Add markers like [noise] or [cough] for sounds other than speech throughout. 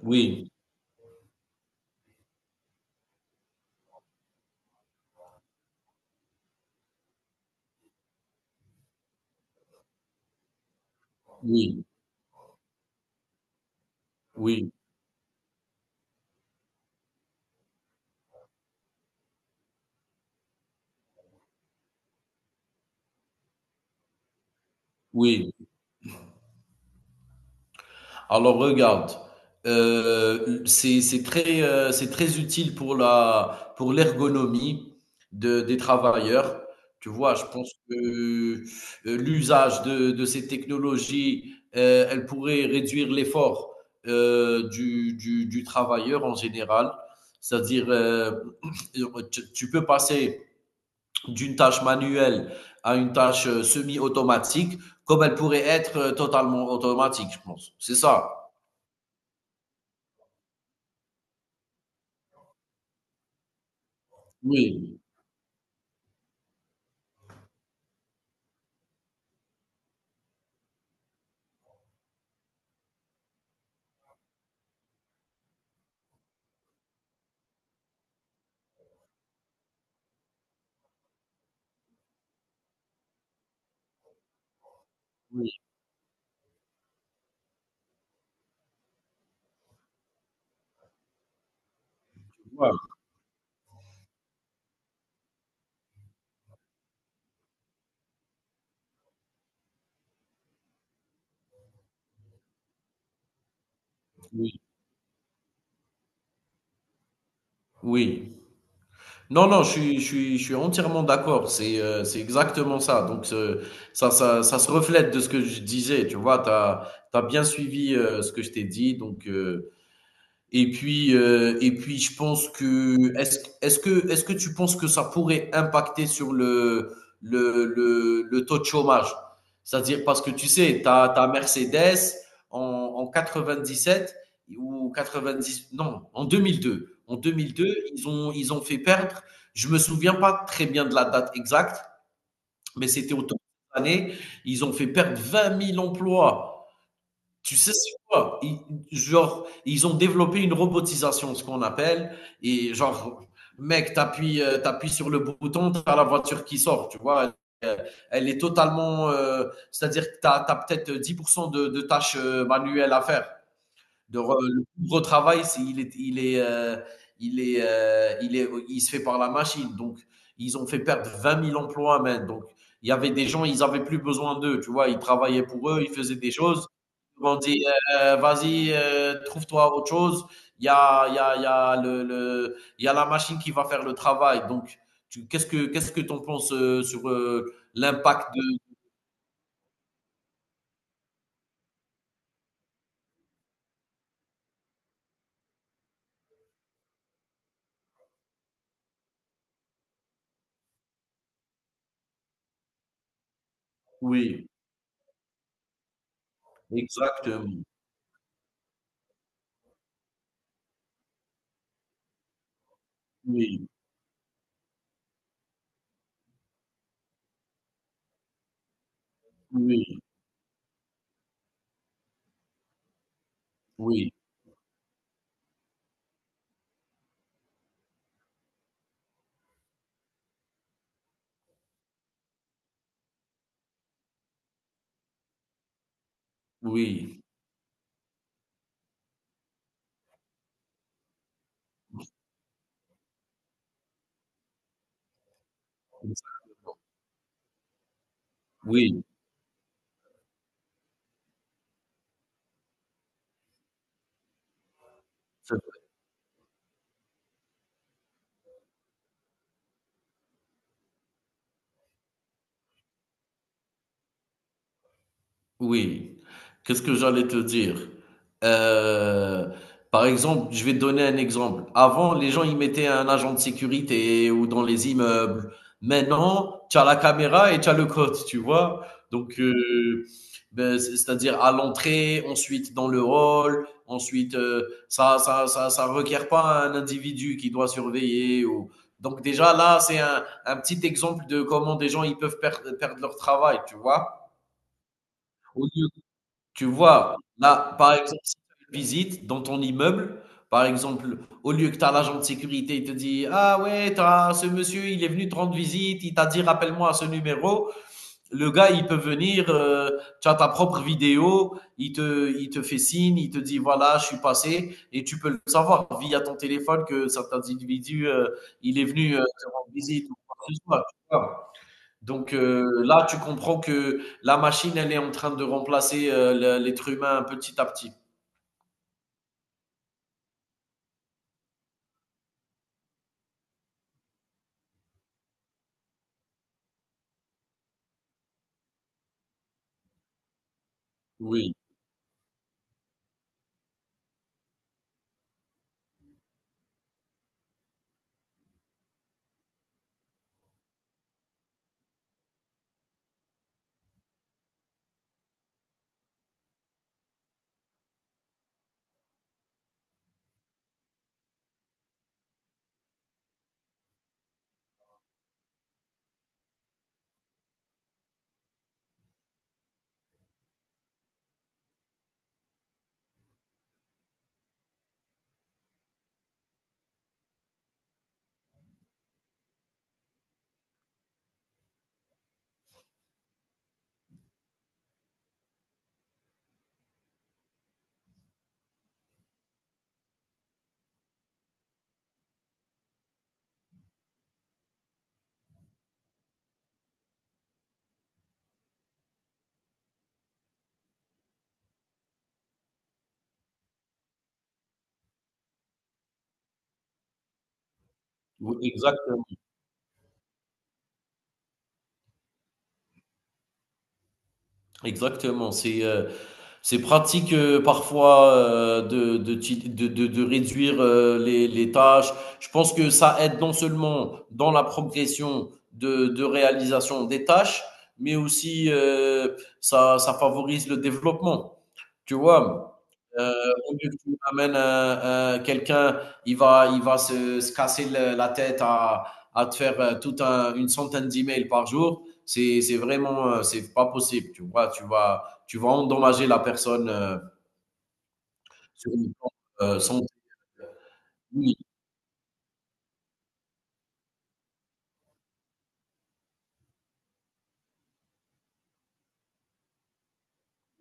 Oui, oui, oui, oui. Alors regarde, c'est très c'est très utile pour la pour l'ergonomie de des travailleurs. Tu vois, je pense que l'usage de ces technologies, elle pourrait réduire l'effort du travailleur en général. C'est-à-dire, [clears throat] tu peux passer d'une tâche manuelle à une tâche semi-automatique, comme elle pourrait être totalement automatique, je pense. C'est ça. Oui, oui, ouais, oui, oui. Non, non, je suis entièrement d'accord. C'est exactement ça. Donc, ça se reflète de ce que je disais. Tu vois, tu as bien suivi ce que je t'ai dit. Donc, et puis, je pense que est-ce que tu penses que ça pourrait impacter sur le taux de chômage? C'est-à-dire parce que tu sais, tu as, Mercedes en 97 ou 90, non, en 2002. En 2002, ils ont fait perdre. Je me souviens pas très bien de la date exacte, mais c'était autour de cette année. Ils ont fait perdre 20 000 emplois. Tu sais, c'est quoi? Genre, ils ont développé une robotisation, ce qu'on appelle, et genre, mec, t'appuies sur le bouton, t'as la voiture qui sort, tu vois. Euh, Elle est totalement, c'est-à-dire que t'as, as peut-être 10% de tâches manuelles à faire. Le plus gros travail, c'est il est, il est, il est, il se fait par la machine. Donc, ils ont fait perdre 20 000 emplois, man. Donc, il y avait des gens, ils avaient plus besoin d'eux, tu vois. Ils travaillaient pour eux, ils faisaient des choses. Ils m'ont dit, vas-y, trouve-toi autre chose. Il y a la machine qui va faire le travail. Donc, qu'est-ce que t'en penses sur l'impact de. Oui, exactement. Oui, oui, oui, oui. Oui, c'est oui. Qu'est-ce que j'allais te dire? Heu, Par exemple, je vais te donner un exemple. Avant, les gens, ils mettaient un agent de sécurité ou dans les immeubles. Maintenant, tu as la caméra et tu as le code, tu vois? Donc beh, c'est-à-dire à l'entrée, ensuite dans le hall, ensuite, ça requiert pas un individu qui doit surveiller ou donc déjà là, c'est un petit exemple de comment des gens, ils peuvent perdre leur travail, tu vois? Au lieu Tu vois? Là, par exemple, si tu as une visite dans ton immeuble, par exemple, au lieu que tu as l'agent de sécurité, il te dit: «Ah ouais, t'as ce monsieur, il est venu te rendre visite, il t'a dit: "Rappelle-moi à ce numéro"», le gars, il peut venir, tu as ta propre vidéo, il te fait signe, il te dit: «Voilà, je suis passé» et tu peux le savoir via ton téléphone que cet individu, il est venu, te rendre visite ou quoi que ce soit, tu vois? Donc là, tu comprends que la machine, elle est en train de remplacer, le l'être humain petit à petit. Oui, oui, exactement, exactement. C'est pratique, parfois, de ti de réduire, les tâches. Je pense que ça aide non seulement dans la progression de réalisation des tâches, mais aussi, ça favorise le développement, tu vois? Euh, Au lieu que tu amènes quelqu'un, il va se casser la tête à te faire une centaine d'emails par jour. C'est vraiment, c'est pas possible. Tu vois, tu vas endommager la personne sur le plan santé. Oui,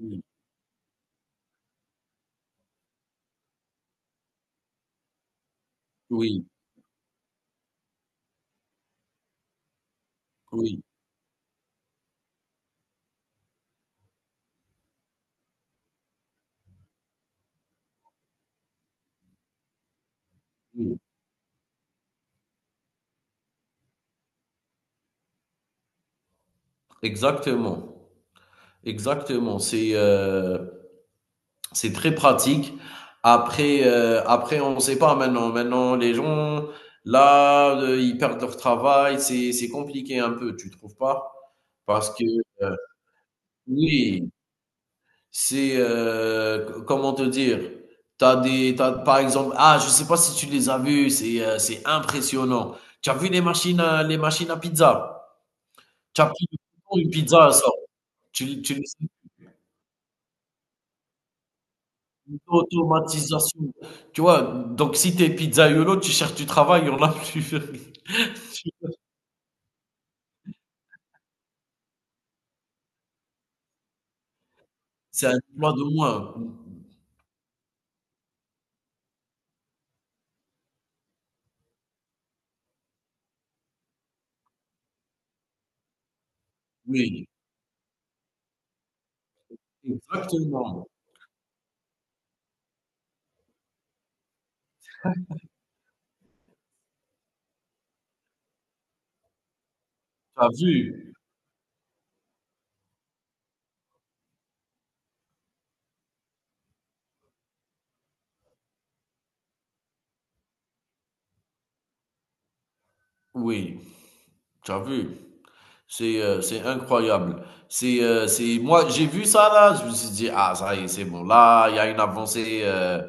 oui, oui, oui, oui. Exactement, exactement. C'est très pratique. Après, on ne sait pas maintenant. Maintenant, les gens, là, ils perdent leur travail. C'est compliqué un peu, tu trouves pas? Parce que, euh, oui, comment te dire? T'as, par exemple, ah, je sais pas si tu les as vus, c'est impressionnant. Tu as vu les machines à pizza? Tu as pris une pizza, elle sort. Tu, tu, L'automatisation. Tu vois? Donc si t'es pizzaïolo, tu cherches du travail, il y en a plus. [laughs] C'est un emploi de moins. Oui, exactement. Tu as vu? Oui, tu as vu? C'est incroyable. C'est moi j'ai vu ça là, je me suis dit ah ça y est, c'est bon là, il y a une avancée euh,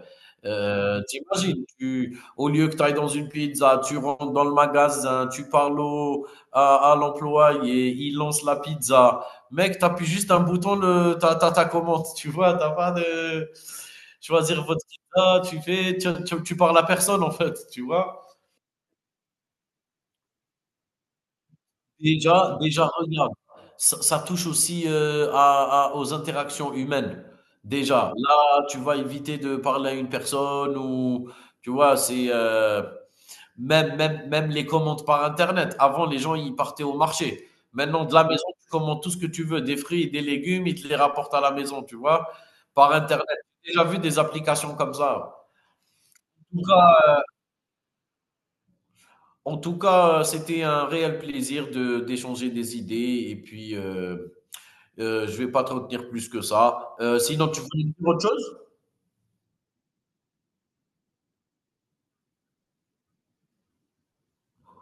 euh, t'imagines tu au lieu que tu ailles dans une pizza, tu rentres dans le magasin, tu parles à l'employé, il lance la pizza. Mec, tu appuies juste un bouton le ta ta ta commande, tu vois, t'as pas de choisir votre pizza, tu fais tu, tu, tu parles à personne en fait, tu vois. Déjà regarde, ça touche aussi, à aux interactions humaines. Déjà, là, tu vas éviter de parler à une personne ou tu vois? C'est, même même même les commandes par internet. Avant, les gens, ils partaient au marché. Maintenant, de la maison, tu commandes tout ce que tu veux, des fruits, des légumes, ils te les rapportent à la maison, tu vois? Par internet. J'ai déjà vu des applications comme ça. En tout cas en tout cas, c'était un réel plaisir de d'échanger des idées et puis, je vais pas te retenir plus que ça. Sinon, tu veux dire autre chose?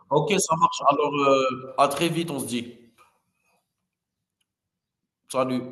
Ok, ça marche. Alors, à très vite, on se dit. Salut.